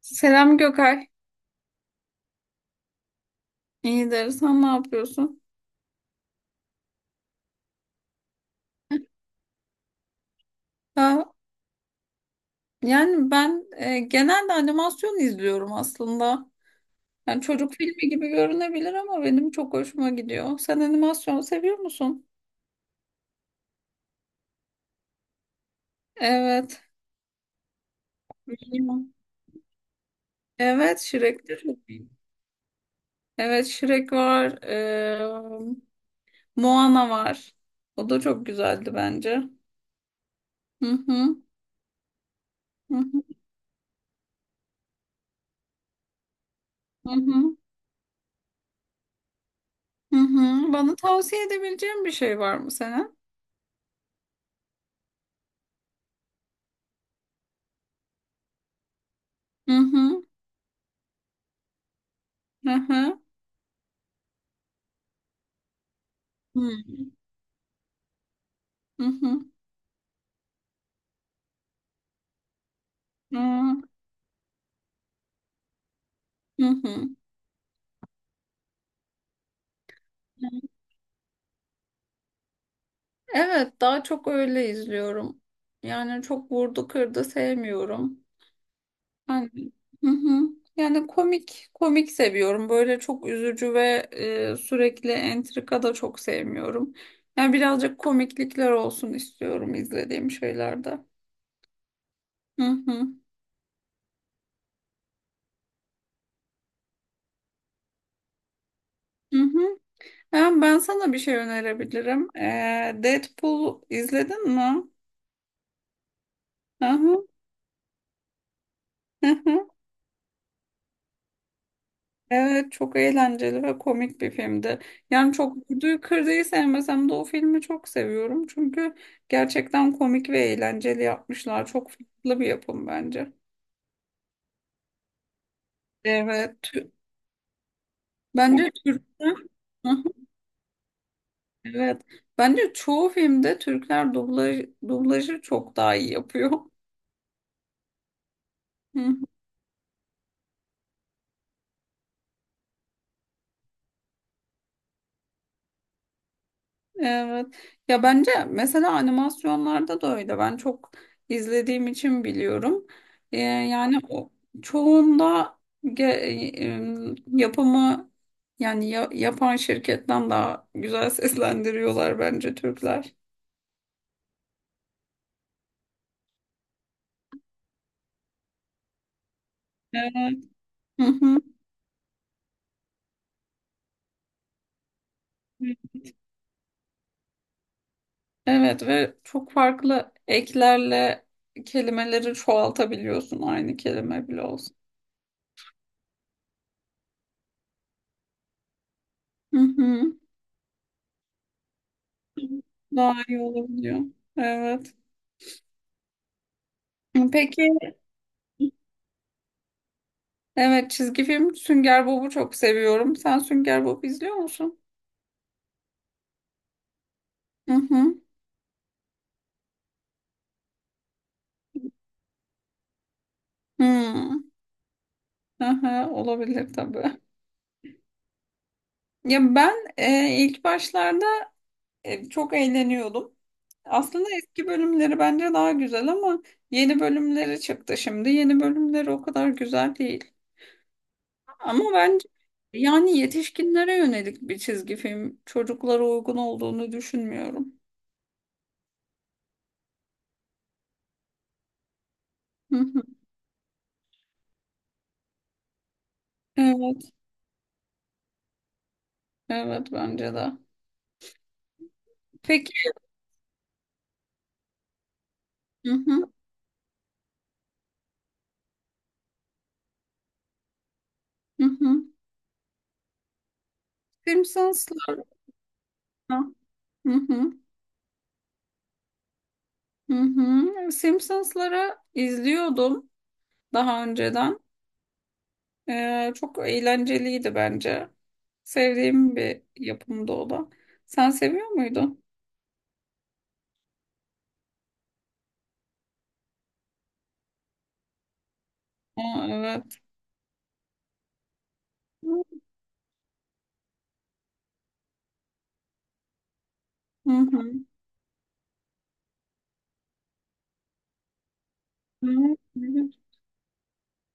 Selam Gökay. İyidir. Sen ne yapıyorsun? Ha, yani ben genelde animasyon izliyorum aslında. Yani çocuk filmi gibi görünebilir ama benim çok hoşuma gidiyor. Sen animasyon seviyor musun? Evet. Bilmiyorum. Evet, Shrek çok iyi. Evet, Shrek var. Moana var. O da çok güzeldi bence. Hı hı. Hı hı. Hı hı. Hı hı. Bana tavsiye edebileceğin bir şey var mı senin? Hı hı. Hı hı. Hı. Hı hı. Hı hı. Hı. Evet, daha çok öyle izliyorum. Yani çok vurdu kırdı sevmiyorum. Yani, hı hı. Yani komik komik seviyorum. Böyle çok üzücü ve sürekli entrika da çok sevmiyorum. Yani birazcık komiklikler olsun istiyorum izlediğim şeylerde. Hı hı. Hı hı. Ben sana bir şey önerebilirim. Deadpool izledin mi? Hı hı. Evet, çok eğlenceli ve komik bir filmdi. Yani çok Vurdu'yu Kırdı'yı sevmesem de o filmi çok seviyorum. Çünkü gerçekten komik ve eğlenceli yapmışlar. Çok farklı bir yapım bence. Evet. Bence Türkler. Hı, hı. Evet. Bence çoğu filmde Türkler dublajı çok daha iyi yapıyor. Hı. Evet. Ya bence mesela animasyonlarda da öyle. Ben çok izlediğim için biliyorum. Yani o çoğunda yapımı yani yapan şirketten daha güzel seslendiriyorlar bence Türkler. Evet. Hı hı. Evet ve çok farklı eklerle kelimeleri çoğaltabiliyorsun aynı kelime bile olsun. Hı hı. Daha iyi olabiliyor. Evet. Peki. Evet, çizgi film Sünger Bob'u çok seviyorum. Sen Sünger Bob izliyor musun? Hı hı. Hmm. Aha, olabilir tabii. Ya ben ilk başlarda çok eğleniyordum. Aslında eski bölümleri bence daha güzel ama yeni bölümleri çıktı şimdi. Yeni bölümleri o kadar güzel değil. Ama bence yani yetişkinlere yönelik bir çizgi film çocuklara uygun olduğunu düşünmüyorum. Hı hı. Evet, evet bence de. Peki. Hı hı, hı hı. Simpsons'lara hı hı, hı hı. Simpsons'ları izliyordum daha önceden. Çok eğlenceliydi bence. Sevdiğim bir yapımdı o da. Sen seviyor muydun? Aa, evet. Hı hı. Evet.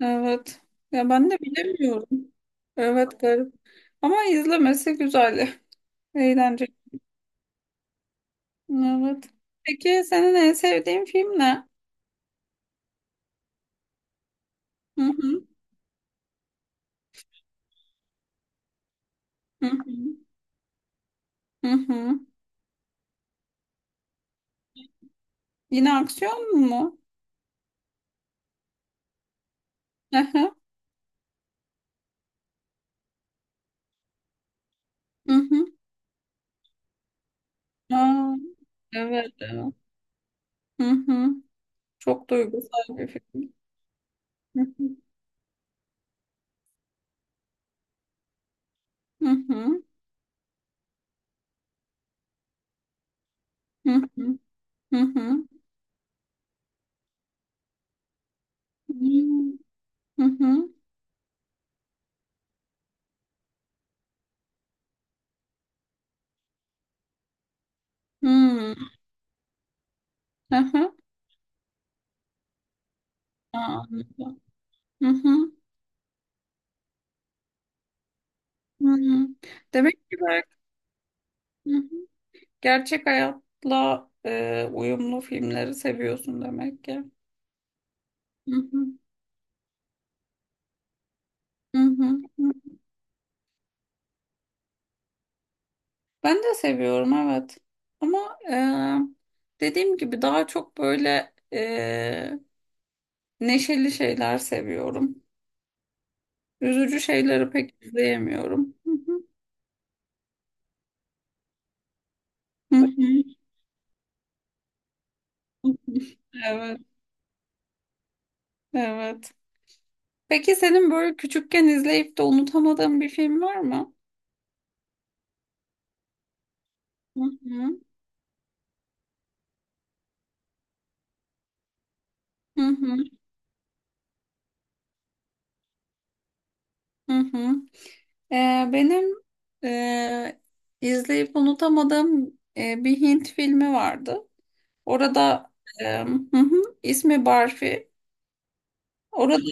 Evet. Ya ben de bilemiyorum. Evet, garip. Ama izlemesi güzel. Eğlenceli. Evet. Peki senin en sevdiğin film ne? Hı hı. Hı hı. Hı hı. Yine aksiyon mu? Hı hı. Hı hı. Aa, evet, evet. Hı hı. Çok duygusal bir film. Hı hı. Hı hı. Hı hı. Hı hı. Hmm. Hı hı. Hmm. Hı hı. Aa, anladım. Hı hı. Hı hı. Demek ki bak, hı hı, gerçek hayatla uyumlu filmleri seviyorsun demek ki. Hı hı. Hı hı. Hı. Ben de seviyorum, evet. Ama dediğim gibi daha çok böyle neşeli şeyler seviyorum. Üzücü şeyleri pek izleyemiyorum. Hı hı. Hı hı. Evet, evet. Peki senin böyle küçükken izleyip de unutamadığın bir film var mı? Hı hı, hı hı, hı hı. Benim e, izleyip unutamadığım bir Hint filmi vardı. Orada hı hı, ismi Barfi. Orada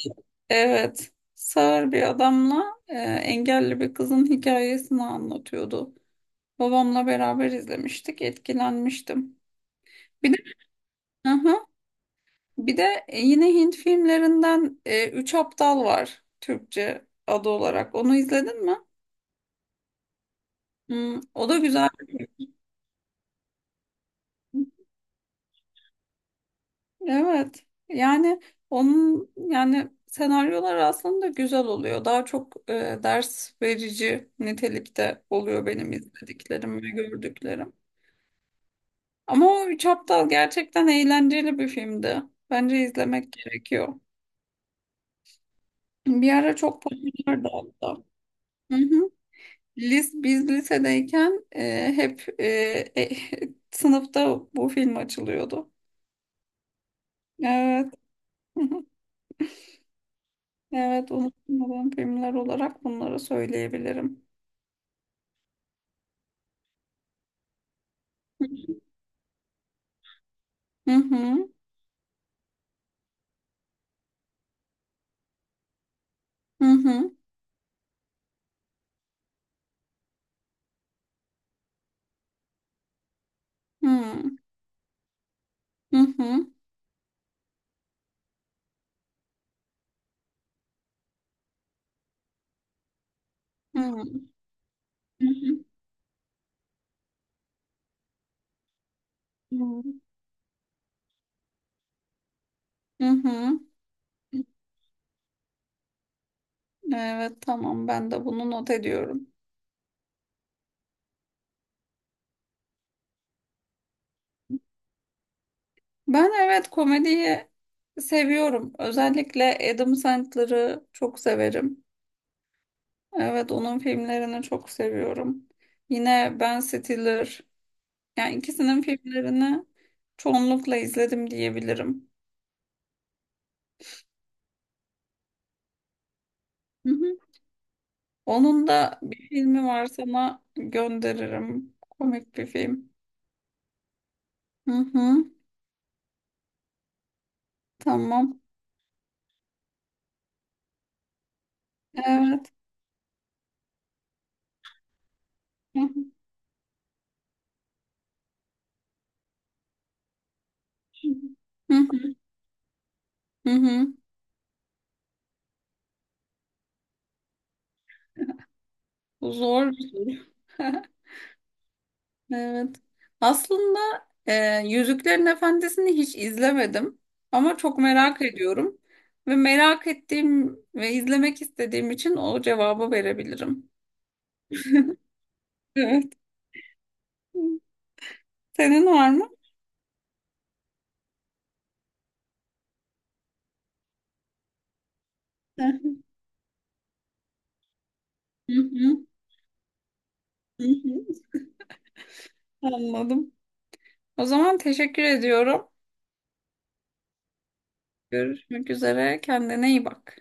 evet, sağır bir adamla engelli bir kızın hikayesini anlatıyordu. Babamla beraber izlemiştik, etkilenmiştim. Bir de, hı hı, bir de yine Hint filmlerinden Üç Aptal var Türkçe adı olarak. Onu izledin mi? Hmm, o da güzel bir film. Evet. Yani onun yani senaryolar aslında güzel oluyor. Daha çok ders verici nitelikte oluyor benim izlediklerim ve gördüklerim. Ama o Üç Aptal gerçekten eğlenceli bir filmdi. Bence izlemek gerekiyor. Bir ara çok popülerdi hatta. Hı hı. Biz lisedeyken e, sınıfta bu film açılıyordu. Evet. Hı hı. Evet, unutmadığım filmler olarak bunları söyleyebilirim. Hı hı. Hı hı. Hı hı. Hı hı. Hı hı. Hı hı. Hı hı. Evet, tamam. Ben de bunu not ediyorum. Ben evet, komediyi seviyorum. Özellikle Adam Sandler'ı çok severim. Evet, onun filmlerini çok seviyorum. Yine Ben Stiller. Yani ikisinin filmlerini çoğunlukla izledim diyebilirim. Hı hı. Onun da bir filmi var, sana gönderirim. Komik bir film. Hı hı. Tamam. Evet. Hı hı. Hı hı. Hı hı. Zor bir soru. Evet. Aslında e, Yüzüklerin Efendisi'ni hiç izlemedim ama çok merak ediyorum ve merak ettiğim ve izlemek istediğim için o cevabı verebilirim. Evet. Senin var mı? Hı hı. Hı hı. Anladım. O zaman teşekkür ediyorum. Görüşmek üzere. Kendine iyi bak.